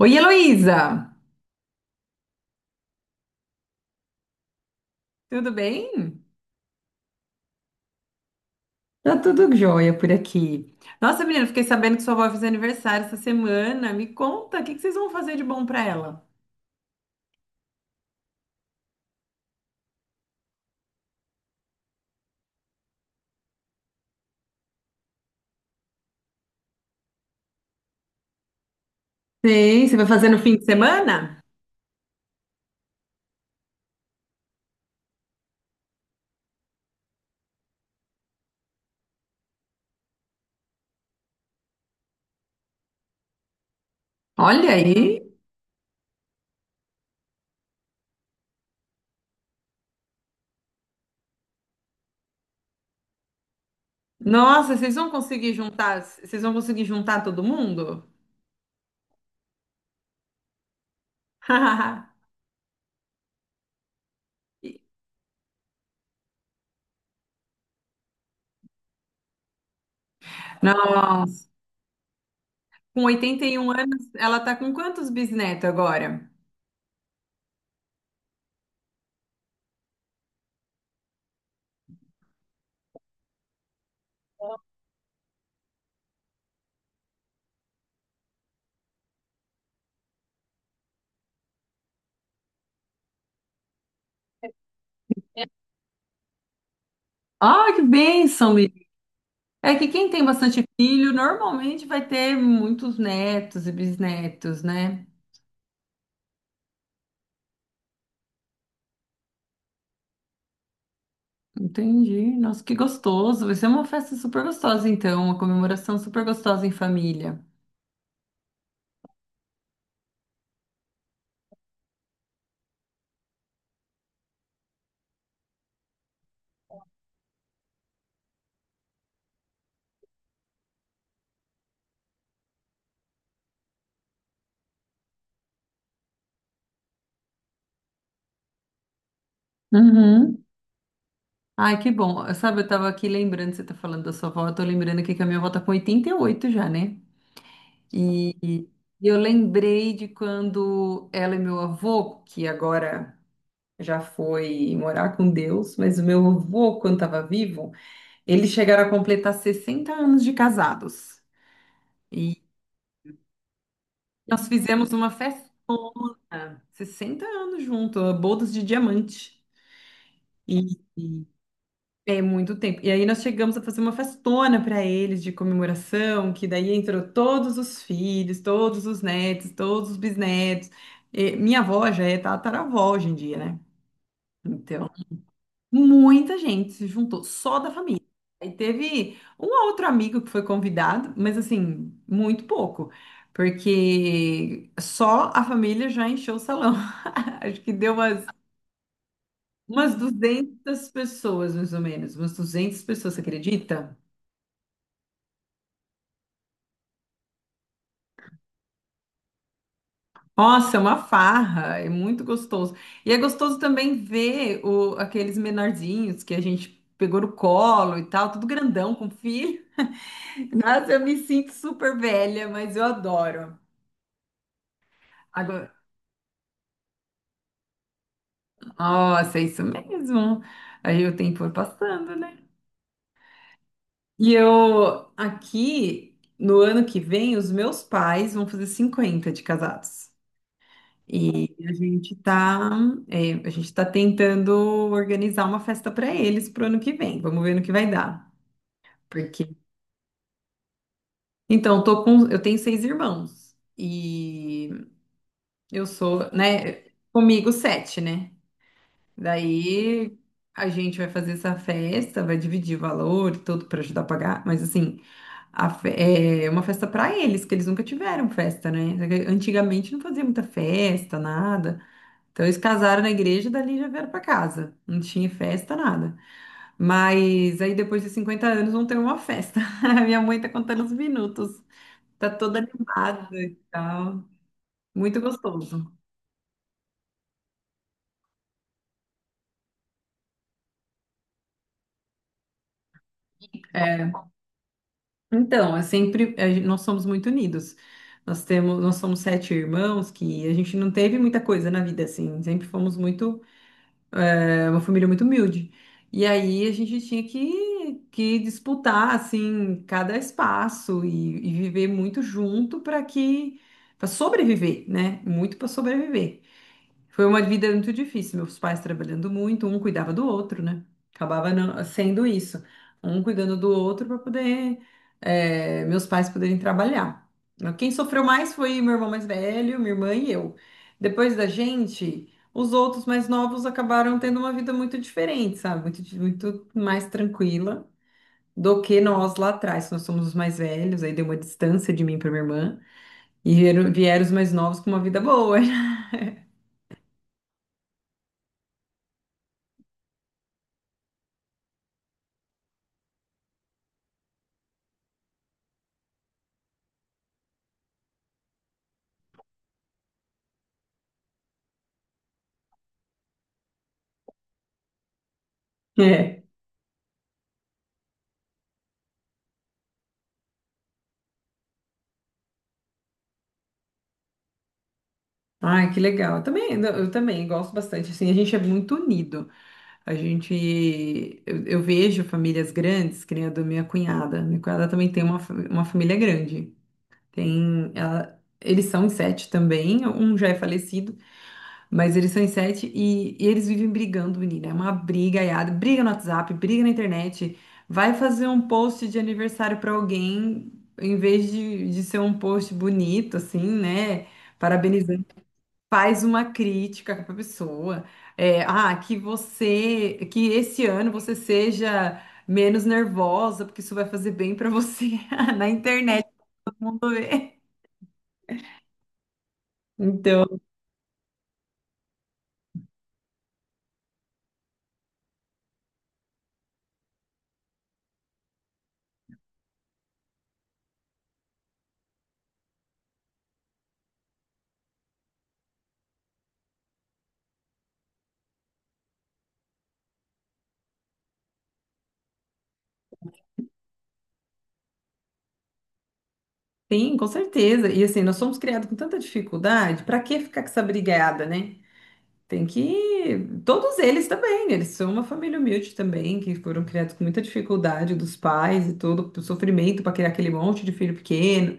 Oi, Heloísa! Tudo bem? Tá tudo jóia por aqui. Nossa, menina, fiquei sabendo que sua avó fez aniversário essa semana. Me conta, o que que vocês vão fazer de bom pra ela? Sei, você vai fazer no fim de semana? Olha aí. Nossa, vocês vão conseguir juntar todo mundo? Nossa, com 81 anos, ela tá com quantos bisnetos agora? Ah, que bênção. É que quem tem bastante filho normalmente vai ter muitos netos e bisnetos, né? Entendi. Nossa, que gostoso. Vai ser uma festa super gostosa, então, uma comemoração super gostosa em família. Uhum. Ai, que bom. Sabe, eu tava aqui lembrando, você tá falando da sua avó, eu tô lembrando aqui que a minha avó tá com 88 já, né? E eu lembrei de quando ela e meu avô, que agora já foi morar com Deus, mas o meu avô, quando estava vivo, eles chegaram a completar 60 anos de casados. E nós fizemos uma festa, 60 anos juntos, bodas de diamante. E é muito tempo. E aí nós chegamos a fazer uma festona para eles de comemoração, que daí entrou todos os filhos, todos os netos, todos os bisnetos. E minha avó já é tataravó hoje em dia, né? Então, muita gente se juntou, só da família. Aí teve um outro amigo que foi convidado, mas assim, muito pouco, porque só a família já encheu o salão. Acho que deu umas, umas 200 pessoas, mais ou menos, umas 200 pessoas, você acredita? Nossa, é uma farra, é muito gostoso. E é gostoso também ver aqueles menorzinhos que a gente pegou no colo e tal, tudo grandão com filho. Nossa, eu me sinto super velha, mas eu adoro. Agora, nossa, é isso mesmo. Aí o tempo foi passando, né? E eu, aqui, no ano que vem, os meus pais vão fazer 50 de casados. E a gente tá tentando organizar uma festa para eles pro ano que vem. Vamos ver no que vai dar. Porque, então, eu tenho seis irmãos. E eu sou, né, comigo sete, né? Daí a gente vai fazer essa festa, vai dividir valor e tudo para ajudar a pagar, mas assim, é uma festa para eles, que eles nunca tiveram festa, né? Antigamente não fazia muita festa, nada. Então eles casaram na igreja, dali já vieram para casa. Não tinha festa, nada. Mas aí depois de 50 anos vão ter uma festa. A minha mãe tá contando os minutos. Tá toda animada e tal. Muito gostoso. É. Então, é sempre, nós somos muito unidos. Nós somos sete irmãos que a gente não teve muita coisa na vida, assim. Sempre fomos muito, uma família muito humilde. E aí a gente tinha que disputar, assim, cada espaço e viver muito junto para para sobreviver, né? Muito para sobreviver. Foi uma vida muito difícil, meus pais trabalhando muito, um cuidava do outro, né? Acabava sendo isso, um cuidando do outro para poder, meus pais poderem trabalhar. Quem sofreu mais foi meu irmão mais velho, minha irmã e eu. Depois da gente, os outros mais novos acabaram tendo uma vida muito diferente, sabe? Muito mais tranquila do que nós lá atrás. Nós somos os mais velhos, aí deu uma distância de mim para minha irmã, e vieram os mais novos com uma vida boa. É. Ai, que legal. Eu também, gosto bastante. Assim, a gente é muito unido. A gente, eu vejo famílias grandes, que nem a da minha cunhada. Minha cunhada também tem uma família grande. Eles são em sete também, um já é falecido, mas eles são em sete e eles vivem brigando, menina. É uma briga, aiada, briga no WhatsApp, briga na internet. Vai fazer um post de aniversário para alguém, em vez de ser um post bonito, assim, né? Faz uma crítica para a pessoa. É, ah, que esse ano você seja menos nervosa, porque isso vai fazer bem para você na internet, todo mundo vê. Então, sim, com certeza. E assim, nós somos criados com tanta dificuldade, para que ficar com essa brigada, né? Tem que. Todos eles também, né? Eles são uma família humilde também, que foram criados com muita dificuldade dos pais e todo o sofrimento para criar aquele monte de filho pequeno.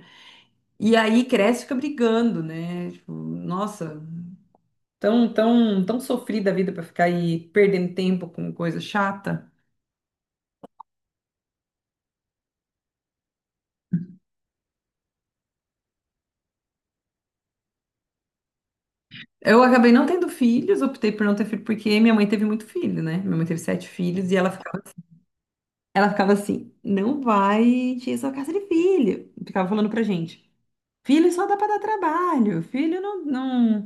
E aí cresce e fica brigando, né? Tipo, nossa, tão sofrida a vida pra ficar aí perdendo tempo com coisa chata. Eu acabei não tendo filhos, optei por não ter filho, porque minha mãe teve muito filho, né? Minha mãe teve sete filhos e ela ficava, ela ficava assim, não vai encher sua casa de filho. Ficava falando pra gente. Filho só dá pra dar trabalho, filho não, não,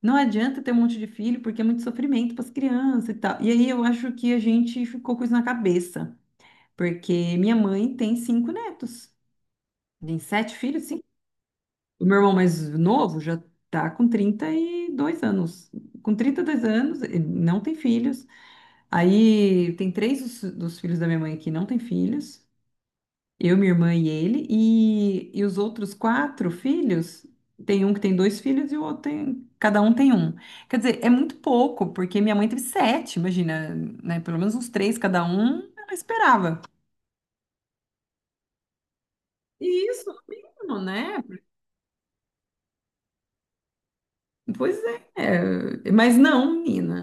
não adianta ter um monte de filho porque é muito sofrimento pras crianças e tal. E aí eu acho que a gente ficou com isso na cabeça. Porque minha mãe tem cinco netos. Tem sete filhos, sim. O meu irmão mais novo já tá com 32 anos. Com 32 anos, ele não tem filhos. Aí tem três dos filhos da minha mãe que não tem filhos. Eu, minha irmã e ele. E os outros quatro filhos, tem um que tem dois filhos e o outro tem... Cada um tem um. Quer dizer, é muito pouco, porque minha mãe teve sete, imagina, né? Pelo menos uns três cada um, ela esperava. E isso, mínimo, né? Pois é, mas não, menina.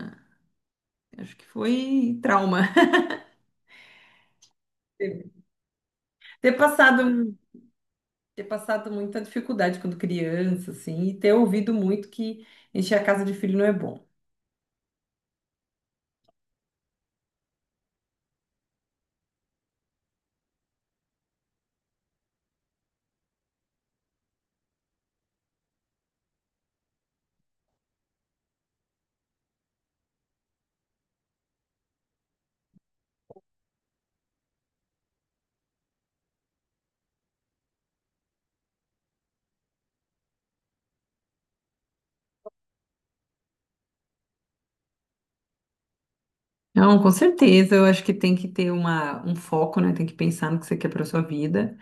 Acho que foi trauma. Ter passado, ter passado muita dificuldade quando criança, assim, e ter ouvido muito que encher a casa de filho não é bom. Não, com certeza. Eu acho que tem que ter uma, um foco, né? Tem que pensar no que você quer para sua vida.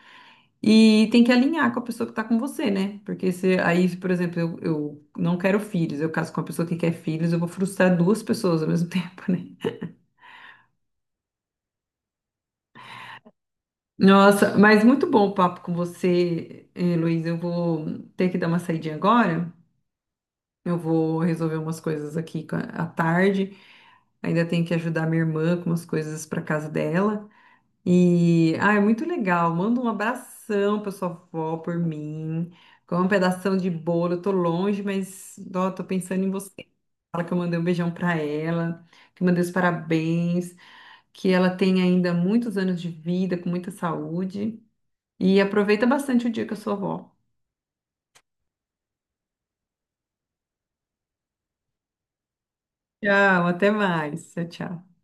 E tem que alinhar com a pessoa que tá com você, né? Porque se aí, por exemplo, eu não quero filhos, eu caso com uma pessoa que quer filhos, eu vou frustrar duas pessoas ao mesmo tempo, né? Nossa, mas muito bom o papo com você, eh, Luiz. Eu vou ter que dar uma saidinha agora. Eu vou resolver umas coisas aqui à tarde. Ainda tenho que ajudar minha irmã com umas coisas para casa dela. E, ah, é muito legal. Manda um abração para sua avó por mim. Com um pedação de bolo. Eu tô longe, mas ó, tô pensando em você. Fala que eu mandei um beijão para ela, que eu mandei os parabéns, que ela tem ainda muitos anos de vida, com muita saúde. E aproveita bastante o dia com a sua avó. Tchau, até mais. Tchau, tchau.